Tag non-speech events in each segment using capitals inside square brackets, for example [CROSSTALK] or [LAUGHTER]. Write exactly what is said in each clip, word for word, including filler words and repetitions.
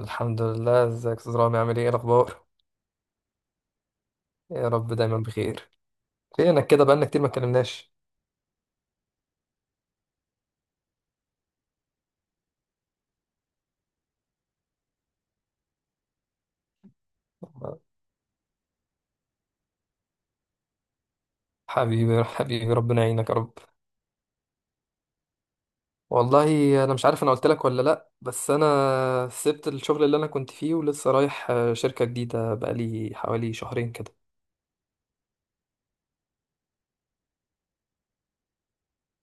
الحمد لله، ازيك يا استاذ رامي؟ عامل ايه؟ إيه الاخبار؟ يا رب دايما بخير. فينك كده؟ بقالنا كتير ما اتكلمناش. حبيبي حبيبي، ربنا يعينك يا رب. والله انا مش عارف انا قلت لك ولا لا، بس انا سبت الشغل اللي انا كنت فيه ولسه رايح آه، شركة جديدة بقالي حوالي شهرين كده.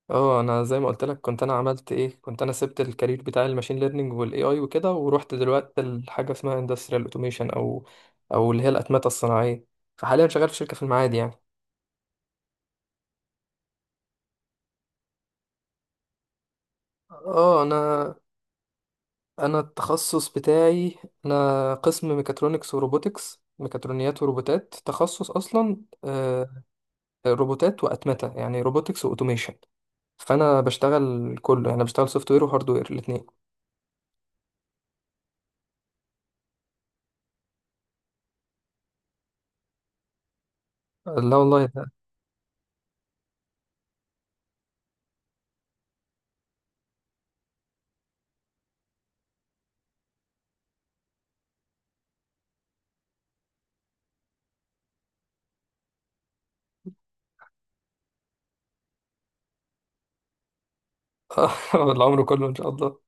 اه، انا زي ما قلت لك، كنت انا عملت ايه كنت انا سبت الكارير بتاع الماشين ليرنينج والاي اي وكده، ورحت دلوقتي لحاجة اسمها اندستريال اوتوميشن او او اللي هي الاتمتة الصناعية. فحاليا شغال في شركة في المعادي يعني. اه، انا انا التخصص بتاعي، انا قسم ميكاترونكس وروبوتكس، ميكاترونيات وروبوتات تخصص اصلا آه، روبوتات واتمته، يعني روبوتكس واوتوميشن. فانا بشتغل كله يعني، بشتغل سوفت وير وهارد وير الاثنين. لا والله ده [LAUGHS] العمر كله ان شاء الله.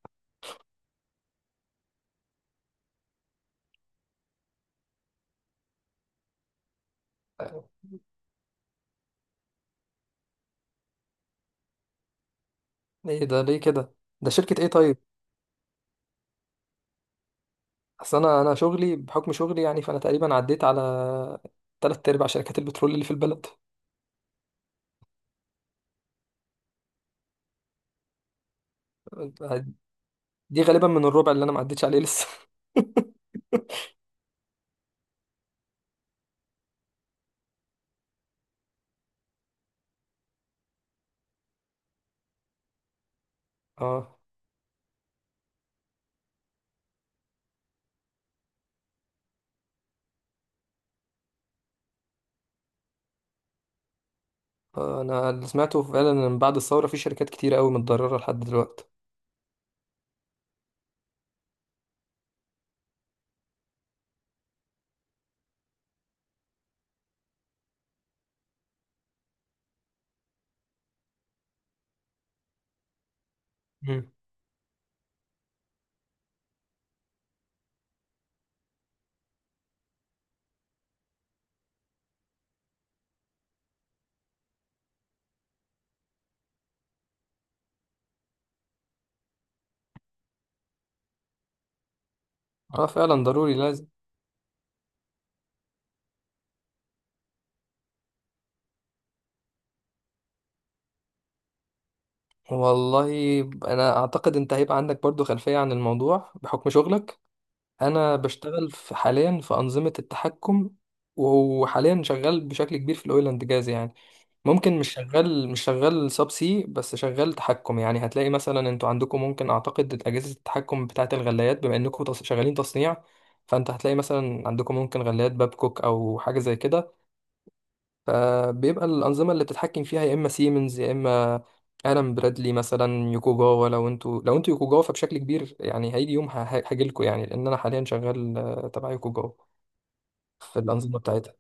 ايه ده ليه كده؟ ده شركه ايه طيب؟ اصل انا انا شغلي بحكم شغلي، يعني فانا تقريبا عديت على تلات ارباع شركات البترول اللي في البلد. دي غالبا من الربع اللي انا ما عديتش عليه لسه. [LAUGHS] اه آه، انا اللي سمعته فعلا ان من بعد الثوره في شركات كتير قوي متضرره لحد دلوقتي. مم. اه فعلا، ضروري لازم. والله انا اعتقد انت هيبقى عندك برضو خلفيه عن الموضوع بحكم شغلك. انا بشتغل في حاليا في انظمه التحكم، وحاليا شغال بشكل كبير في الاويل اند جاز يعني. ممكن مش شغال، مش شغال سب سي، بس شغال تحكم. يعني هتلاقي مثلا انتوا عندكم، ممكن اعتقد، اجهزه التحكم بتاعه الغلايات، بما انكم تص- شغالين تصنيع. فانت هتلاقي مثلا عندكم ممكن غلايات بابكوك او حاجه زي كده. فبيبقى الانظمه اللي بتتحكم فيها يا اما سيمنز، يا اما الان برادلي، مثلا يوكوجاوا. لو انتوا لو انتوا يوكوجاوا فبشكل كبير يعني هيجي يوم هاجي لكم يعني، لان انا حاليا شغال آه، تبع يوكوجاوا في الانظمه بتاعتها.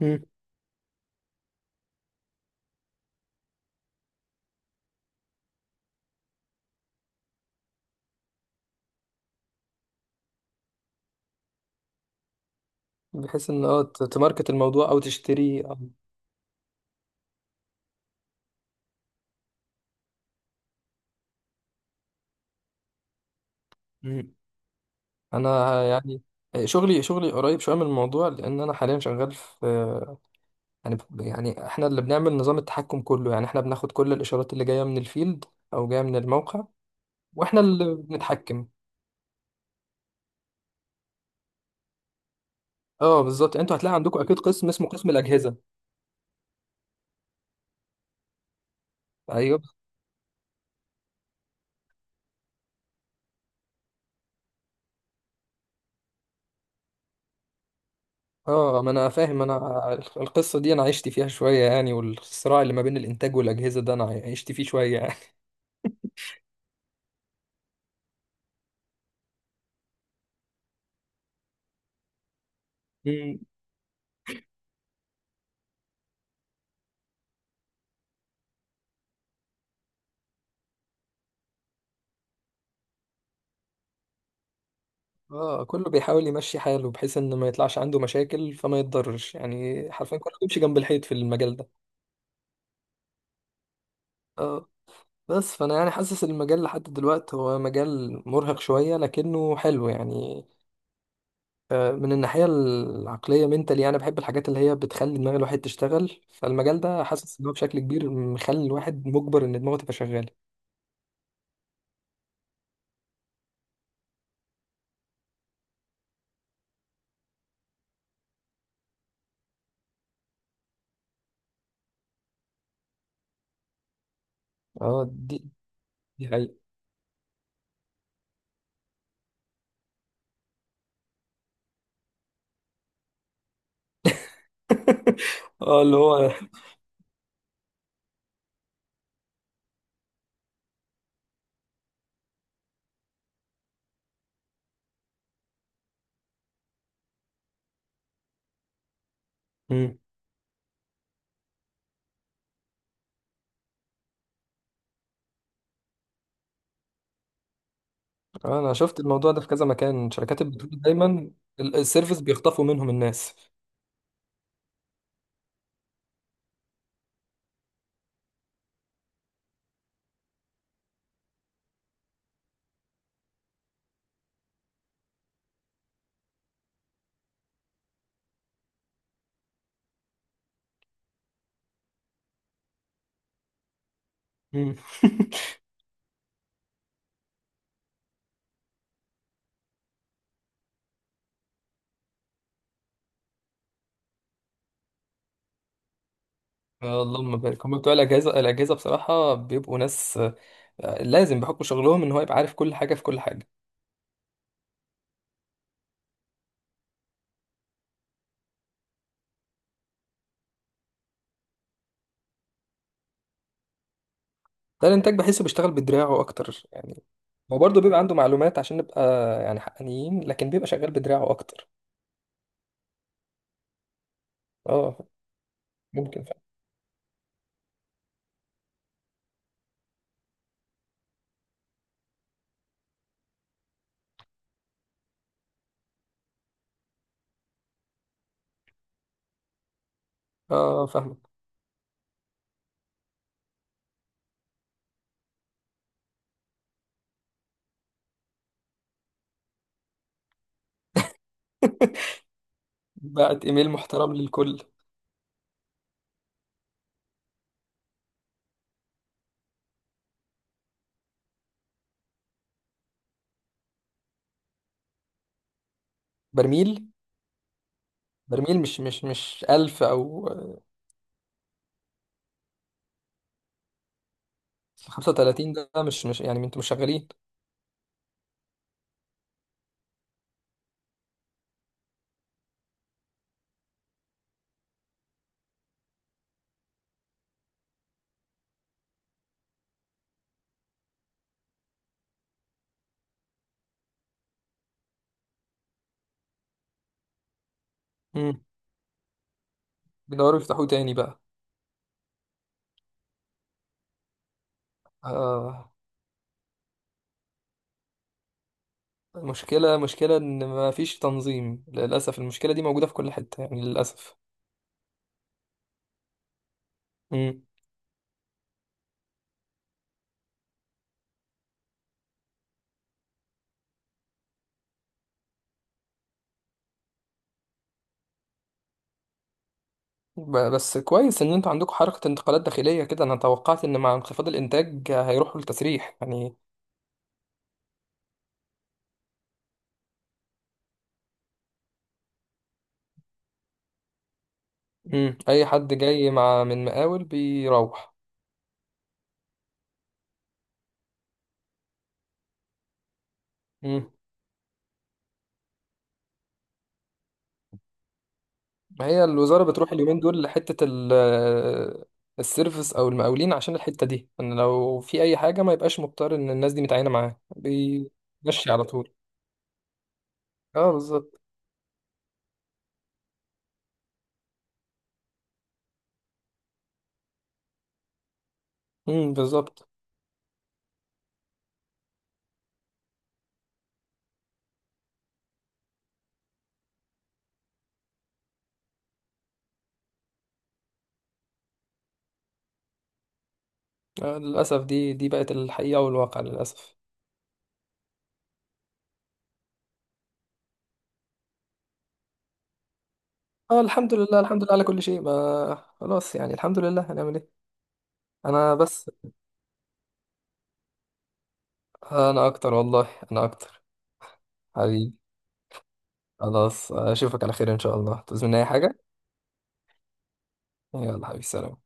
مم. بحيث ان اه ت- تماركت الموضوع او تشتري أو... مم. انا يعني شغلي شغلي قريب شويه من الموضوع، لان انا حاليا شغال في، يعني يعني احنا اللي بنعمل نظام التحكم كله. يعني احنا بناخد كل الاشارات اللي جايه من الفيلد او جايه من الموقع، واحنا اللي بنتحكم. اه بالظبط، انتوا هتلاقي عندكم اكيد قسم اسمه قسم الاجهزه. ايوه، اه ما انا فاهم، انا القصه دي انا عشت فيها شويه يعني، والصراع اللي ما بين الانتاج والاجهزه ده انا عشت فيه شويه يعني. [LAUGHS] مم. اه كله بيحاول يمشي حاله بحيث ان ما يطلعش عنده مشاكل فما يتضرش، يعني حرفيا كله بيمشي جنب الحيط في المجال ده. اه، بس فانا يعني حاسس المجال لحد دلوقتي هو مجال مرهق شويه لكنه حلو، يعني آه، من الناحيه العقليه منتالي. انا بحب الحاجات اللي هي بتخلي دماغ الواحد تشتغل، فالمجال ده حاسس ان هو بشكل كبير مخلي الواحد مجبر ان دماغه تبقى شغاله. اه، دي دي حقيقة. [LAUGHS] اه اللي هو مم. آه، انا شفت الموضوع ده في كذا مكان، شركات البترول دايما ال- السيرفيس بيخطفوا منهم الناس. مم. [LAUGHS] آه، اللهم بارك، هم بتوع الاجهزه، الاجهزه بصراحه بيبقوا ناس لازم بحكم شغلهم ان هو يبقى عارف كل حاجه في كل حاجه. ده الانتاج بحسه بيشتغل بدراعه اكتر يعني. هو برضه بيبقى عنده معلومات، عشان نبقى يعني حقانيين، لكن بيبقى شغال بدراعه اكتر. اه، ممكن فعلا. اه فاهمك. [LAUGHS] بعت ايميل محترم للكل. برميل؟ برميل مش مش مش ألف او آه، خمسة وتلاتين ده مش مش يعني، انتوا مش شغالين؟ امم بيدوروا يفتحوه تاني بقى. آه، المشكله، مشكله ان ما فيش تنظيم، للاسف. المشكله دي موجوده في كل حته يعني للاسف. ب- بس كويس ان انتوا عندكم حركة انتقالات داخلية كده، انا توقعت ان مع انخفاض الانتاج هيروحوا للتسريح يعني. مم. اي حد جاي مع من مقاول بيروح. مم. ما هي الوزارة بتروح اليومين دول لحتة ال- السيرفس او المقاولين، عشان الحتة دي ان لو في اي حاجة ما يبقاش مضطر ان الناس دي متعينة معاه، بيمشي على طول. اه بالظبط. مم، بالظبط. آه، للاسف دي دي بقت الحقيقة والواقع، للاسف. اه الحمد لله، الحمد لله على كل شيء، ما خلاص يعني، الحمد لله. هنعمل ايه؟ انا بس، انا اكتر والله انا اكتر، حبيبي. خلاص اشوفك على خير ان شاء الله، تعوز مني اي حاجه يلا حبيبي، سلام.